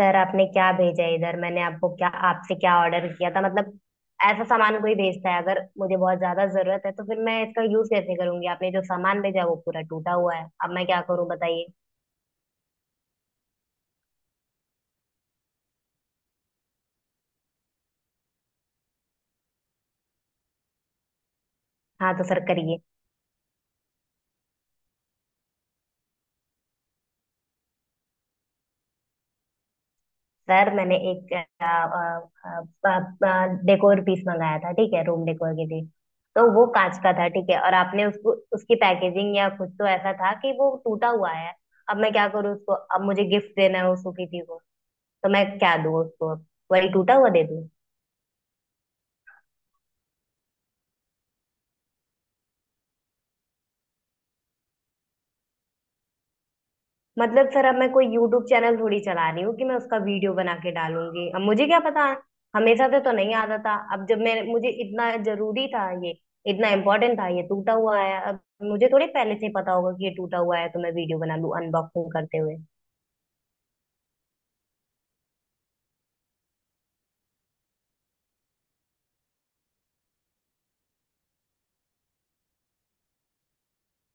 Sir, आपने क्या भेजा है इधर? मैंने आपको क्या, आपसे क्या ऑर्डर किया था? मतलब ऐसा सामान कोई भेजता है? अगर मुझे बहुत ज्यादा जरूरत है तो फिर मैं इसका यूज कैसे करूंगी? आपने जो सामान भेजा वो पूरा टूटा हुआ है। अब मैं क्या करूं बताइए। हाँ, तो सर करिए। सर, मैंने एक डेकोर पीस मंगाया था, ठीक है, रूम डेकोर के लिए। तो वो कांच का था, ठीक है, और आपने उसको उसकी पैकेजिंग या कुछ तो ऐसा था कि वो टूटा हुआ है। अब मैं क्या करूँ उसको? अब मुझे गिफ्ट देना है उसको किसी को, तो मैं क्या दूँ उसको? वही टूटा हुआ दे दूँ? मतलब सर, अब मैं कोई यूट्यूब चैनल थोड़ी चला रही हूँ कि मैं उसका वीडियो बना के डालूंगी। अब मुझे क्या पता, हमेशा से तो नहीं आता था। अब जब मैं मुझे इतना जरूरी था ये, इतना इम्पोर्टेंट था ये, टूटा हुआ है। अब मुझे थोड़ी पहले से ही पता होगा कि ये टूटा हुआ है तो मैं वीडियो बना लूँ अनबॉक्सिंग करते हुए।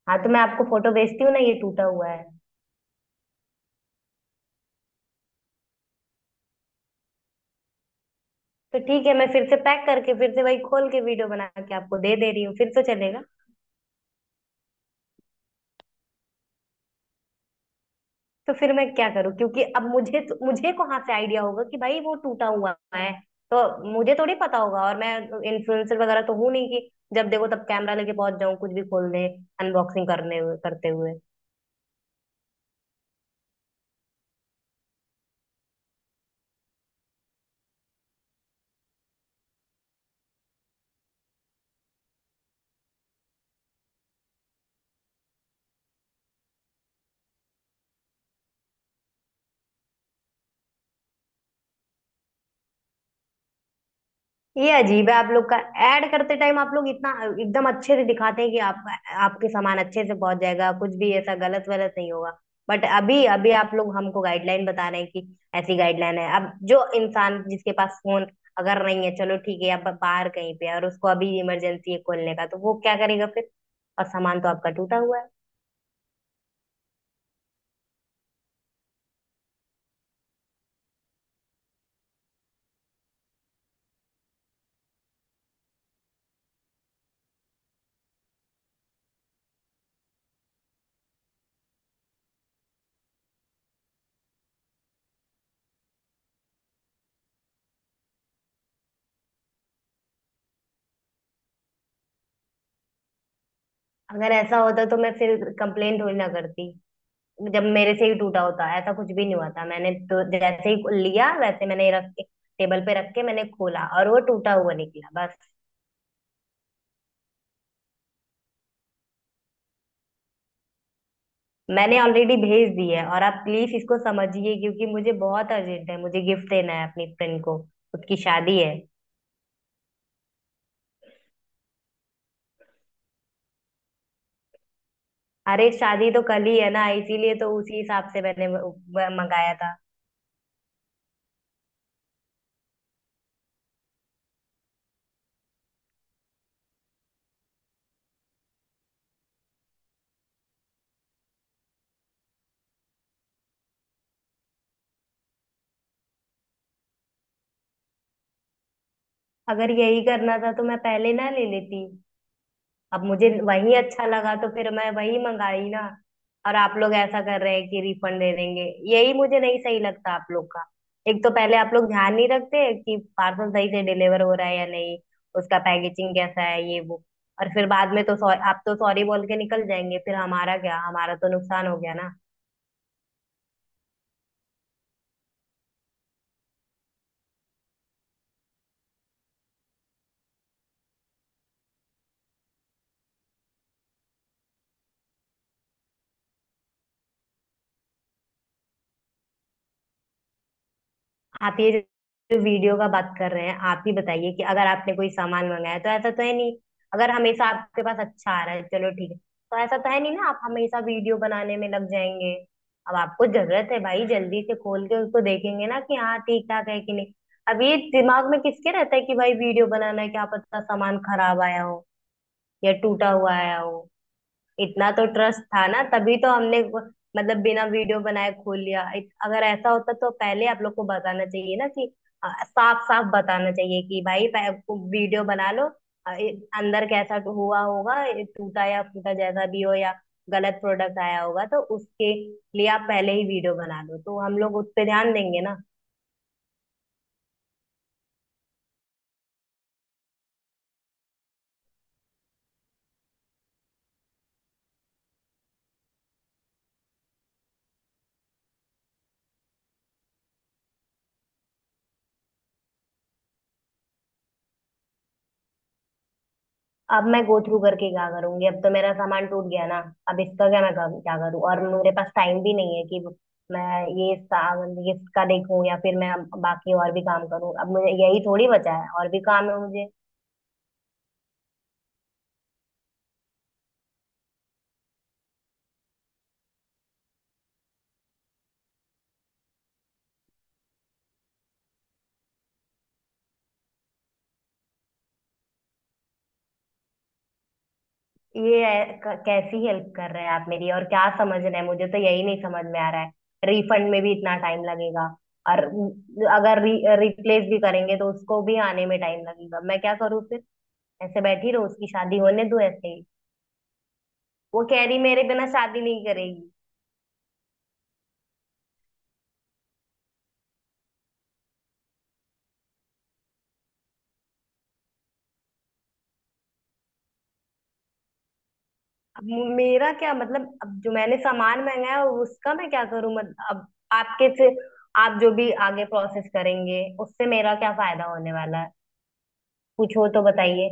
हाँ तो मैं आपको फोटो भेजती हूँ ना, ये टूटा हुआ है। तो ठीक है, मैं फिर से पैक करके फिर से वही खोल के वीडियो बना के आपको दे दे रही हूँ, फिर तो चलेगा? तो फिर मैं क्या करूं, क्योंकि अब मुझे कहाँ से आइडिया होगा कि भाई वो टूटा हुआ है? तो मुझे थोड़ी पता होगा, और मैं इन्फ्लुएंसर वगैरह तो हूं नहीं कि जब देखो तब कैमरा लेके पहुंच जाऊं कुछ भी खोल दे अनबॉक्सिंग करने हुए करते हुए। ये अजीब है आप लोग का। ऐड करते टाइम आप लोग इतना एकदम अच्छे से दिखाते हैं कि आपका आपके सामान अच्छे से पहुंच जाएगा, कुछ भी ऐसा गलत वलत नहीं होगा। बट अभी अभी आप लोग हमको गाइडलाइन बता रहे हैं कि ऐसी गाइडलाइन है। अब जो इंसान जिसके पास फोन अगर नहीं है, चलो ठीक है, अब बाहर कहीं पे है और उसको अभी इमरजेंसी है खोलने का, तो वो क्या करेगा फिर? और सामान तो आपका टूटा हुआ है। अगर ऐसा होता तो मैं फिर कंप्लेंट थोड़ी ना करती, जब मेरे से ही टूटा होता। ऐसा कुछ भी नहीं हुआ था, मैंने तो जैसे ही लिया वैसे मैंने रख के, टेबल पे रख के मैंने खोला और वो टूटा हुआ निकला बस। मैंने ऑलरेडी भेज दी है, और आप प्लीज इसको समझिए क्योंकि मुझे बहुत अर्जेंट है, मुझे गिफ्ट देना है अपनी फ्रेंड को, उसकी शादी है। अरे शादी तो कल ही है ना, इसीलिए तो उसी हिसाब से मैंने वो मंगाया था। अगर यही करना था तो मैं पहले ना ले लेती। अब मुझे वही अच्छा लगा तो फिर मैं वही मंगाई ना। और आप लोग ऐसा कर रहे हैं कि रिफंड दे देंगे, यही मुझे नहीं सही लगता आप लोग का। एक तो पहले आप लोग ध्यान नहीं रखते कि पार्सल सही से डिलीवर हो रहा है या नहीं, उसका पैकेजिंग कैसा है, ये वो। और फिर बाद में तो सॉरी, आप तो सॉरी बोल के निकल जाएंगे, फिर हमारा क्या? हमारा तो नुकसान हो गया ना। आप ये जो वीडियो का बात कर रहे हैं, आप ही बताइए कि अगर आपने कोई सामान मंगाया है, तो ऐसा तो है नहीं, अगर हमेशा आपके पास अच्छा आ रहा है चलो ठीक है, तो ऐसा तो है नहीं ना आप हमेशा वीडियो बनाने में लग जाएंगे। अब आपको जरूरत है भाई, जल्दी से खोल के उसको देखेंगे ना कि हाँ ठीक ठाक है कि नहीं। अब ये दिमाग में किसके रहता है कि भाई वीडियो बनाना है, क्या पता सामान खराब आया हो या टूटा हुआ आया हो? इतना तो ट्रस्ट था ना, तभी तो हमने मतलब बिना वीडियो बनाए खोल लिया। अगर ऐसा होता तो पहले आप लोग को बताना चाहिए ना, कि साफ साफ बताना चाहिए कि भाई वीडियो बना लो, अंदर कैसा हुआ होगा, टूटा या फूटा जैसा भी हो, या गलत प्रोडक्ट आया होगा, तो उसके लिए आप पहले ही वीडियो बना लो तो हम लोग उस पे ध्यान देंगे ना। अब मैं गो थ्रू करके क्या करूंगी, अब तो मेरा सामान टूट गया ना। अब इसका क्या मैं क्या करूँ? और मेरे पास टाइम भी नहीं है कि मैं ये इसका देखूं, या फिर मैं अब बाकी और भी काम करूँ। अब मुझे यही थोड़ी बचा है, और भी काम है मुझे। कैसी हेल्प कर रहे हैं आप मेरी, और क्या समझ रहे हैं मुझे, तो यही नहीं समझ में आ रहा है। रिफंड में भी इतना टाइम लगेगा, और अगर रिप्लेस भी करेंगे तो उसको भी आने में टाइम लगेगा। मैं क्या करूँ फिर, ऐसे बैठी रहूं उसकी शादी होने दूं ऐसे ही? वो कह रही मेरे बिना शादी नहीं करेगी। अब मेरा क्या मतलब, अब जो मैंने सामान मंगाया है, उसका मैं क्या करूं? मत अब आपके से आप जो भी आगे प्रोसेस करेंगे उससे मेरा क्या फायदा होने वाला है? कुछ हो तो बताइए।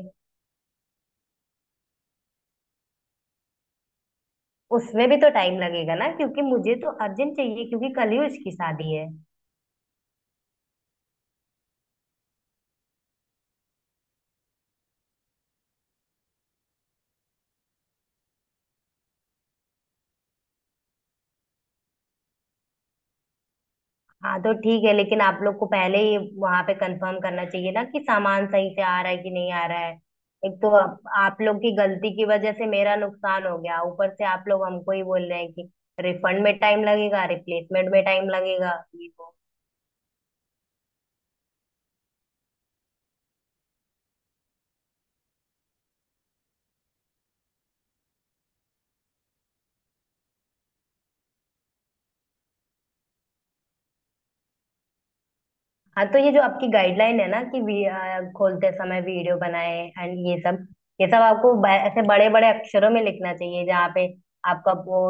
उसमें भी तो टाइम लगेगा ना, क्योंकि मुझे तो अर्जेंट चाहिए, क्योंकि कल ही उसकी शादी है। हाँ तो ठीक है, लेकिन आप लोग को पहले ही वहां पे कंफर्म करना चाहिए ना कि सामान सही से आ रहा है कि नहीं आ रहा है। एक तो आप लोग की गलती की वजह से मेरा नुकसान हो गया, ऊपर से आप लोग हमको ही बोल रहे हैं कि रिफंड में टाइम लगेगा, रिप्लेसमेंट में टाइम लगेगा, ये वो। हाँ, तो ये जो आपकी गाइडलाइन है ना कि खोलते समय वीडियो बनाए एंड ये सब, ये सब आपको ऐसे बड़े बड़े अक्षरों में लिखना चाहिए जहाँ पे आपका वो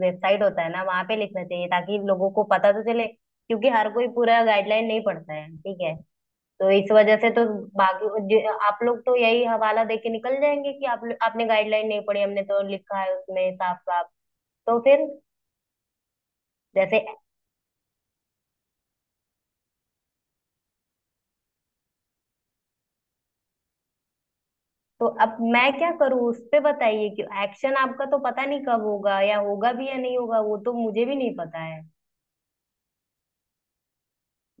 वेबसाइट होता है ना, वहां पे लिखना चाहिए ताकि लोगों को पता तो चले, क्योंकि हर कोई पूरा गाइडलाइन नहीं पढ़ता है, ठीक है। तो इस वजह से तो, बाकी आप लोग तो यही हवाला दे के निकल जाएंगे कि आप आपने गाइडलाइन नहीं पढ़ी, हमने तो लिखा है उसमें साफ साफ, तो फिर जैसे। तो अब मैं क्या करूँ उस पे बताइए, कि एक्शन आपका तो पता नहीं कब होगा, या होगा भी या नहीं होगा वो तो मुझे भी नहीं पता है।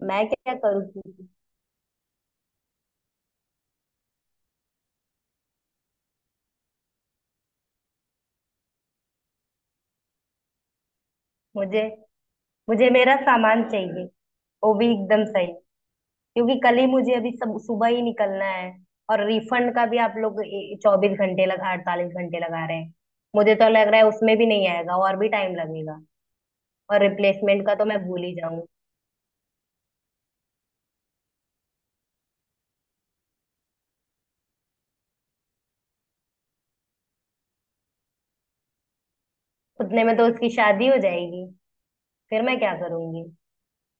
मैं क्या करूँ? मुझे, मुझे मेरा सामान चाहिए, वो भी एकदम सही, क्योंकि कल ही मुझे अभी सब सुबह ही निकलना है। और रिफंड का भी आप लोग 24 घंटे लगा, 48 घंटे लगा रहे हैं, मुझे तो लग रहा है उसमें भी नहीं आएगा, और भी टाइम लगेगा। और रिप्लेसमेंट का तो मैं भूल ही जाऊं, उतने में तो उसकी शादी हो जाएगी, फिर मैं क्या करूंगी?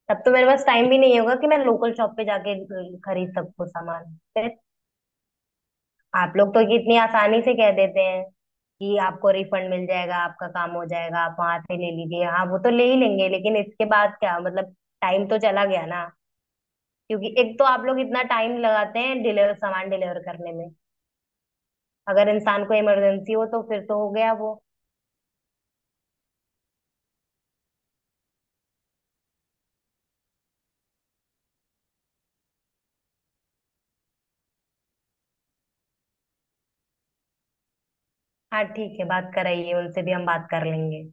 तब तो मेरे पास टाइम भी नहीं होगा कि मैं लोकल शॉप पे जाके खरीद सकूं सामान फिर। आप लोग तो कितनी आसानी से कह देते हैं कि आपको रिफंड मिल जाएगा, आपका काम हो जाएगा, आप वहां से ले लीजिए। हाँ, वो तो ले ही लेंगे, लेकिन इसके बाद क्या मतलब? टाइम तो चला गया ना, क्योंकि एक तो आप लोग इतना टाइम लगाते हैं डिलीवर, सामान डिलीवर करने में। अगर इंसान को इमरजेंसी हो तो फिर तो हो गया वो। हाँ ठीक है, बात कराइए, उनसे भी हम बात कर लेंगे।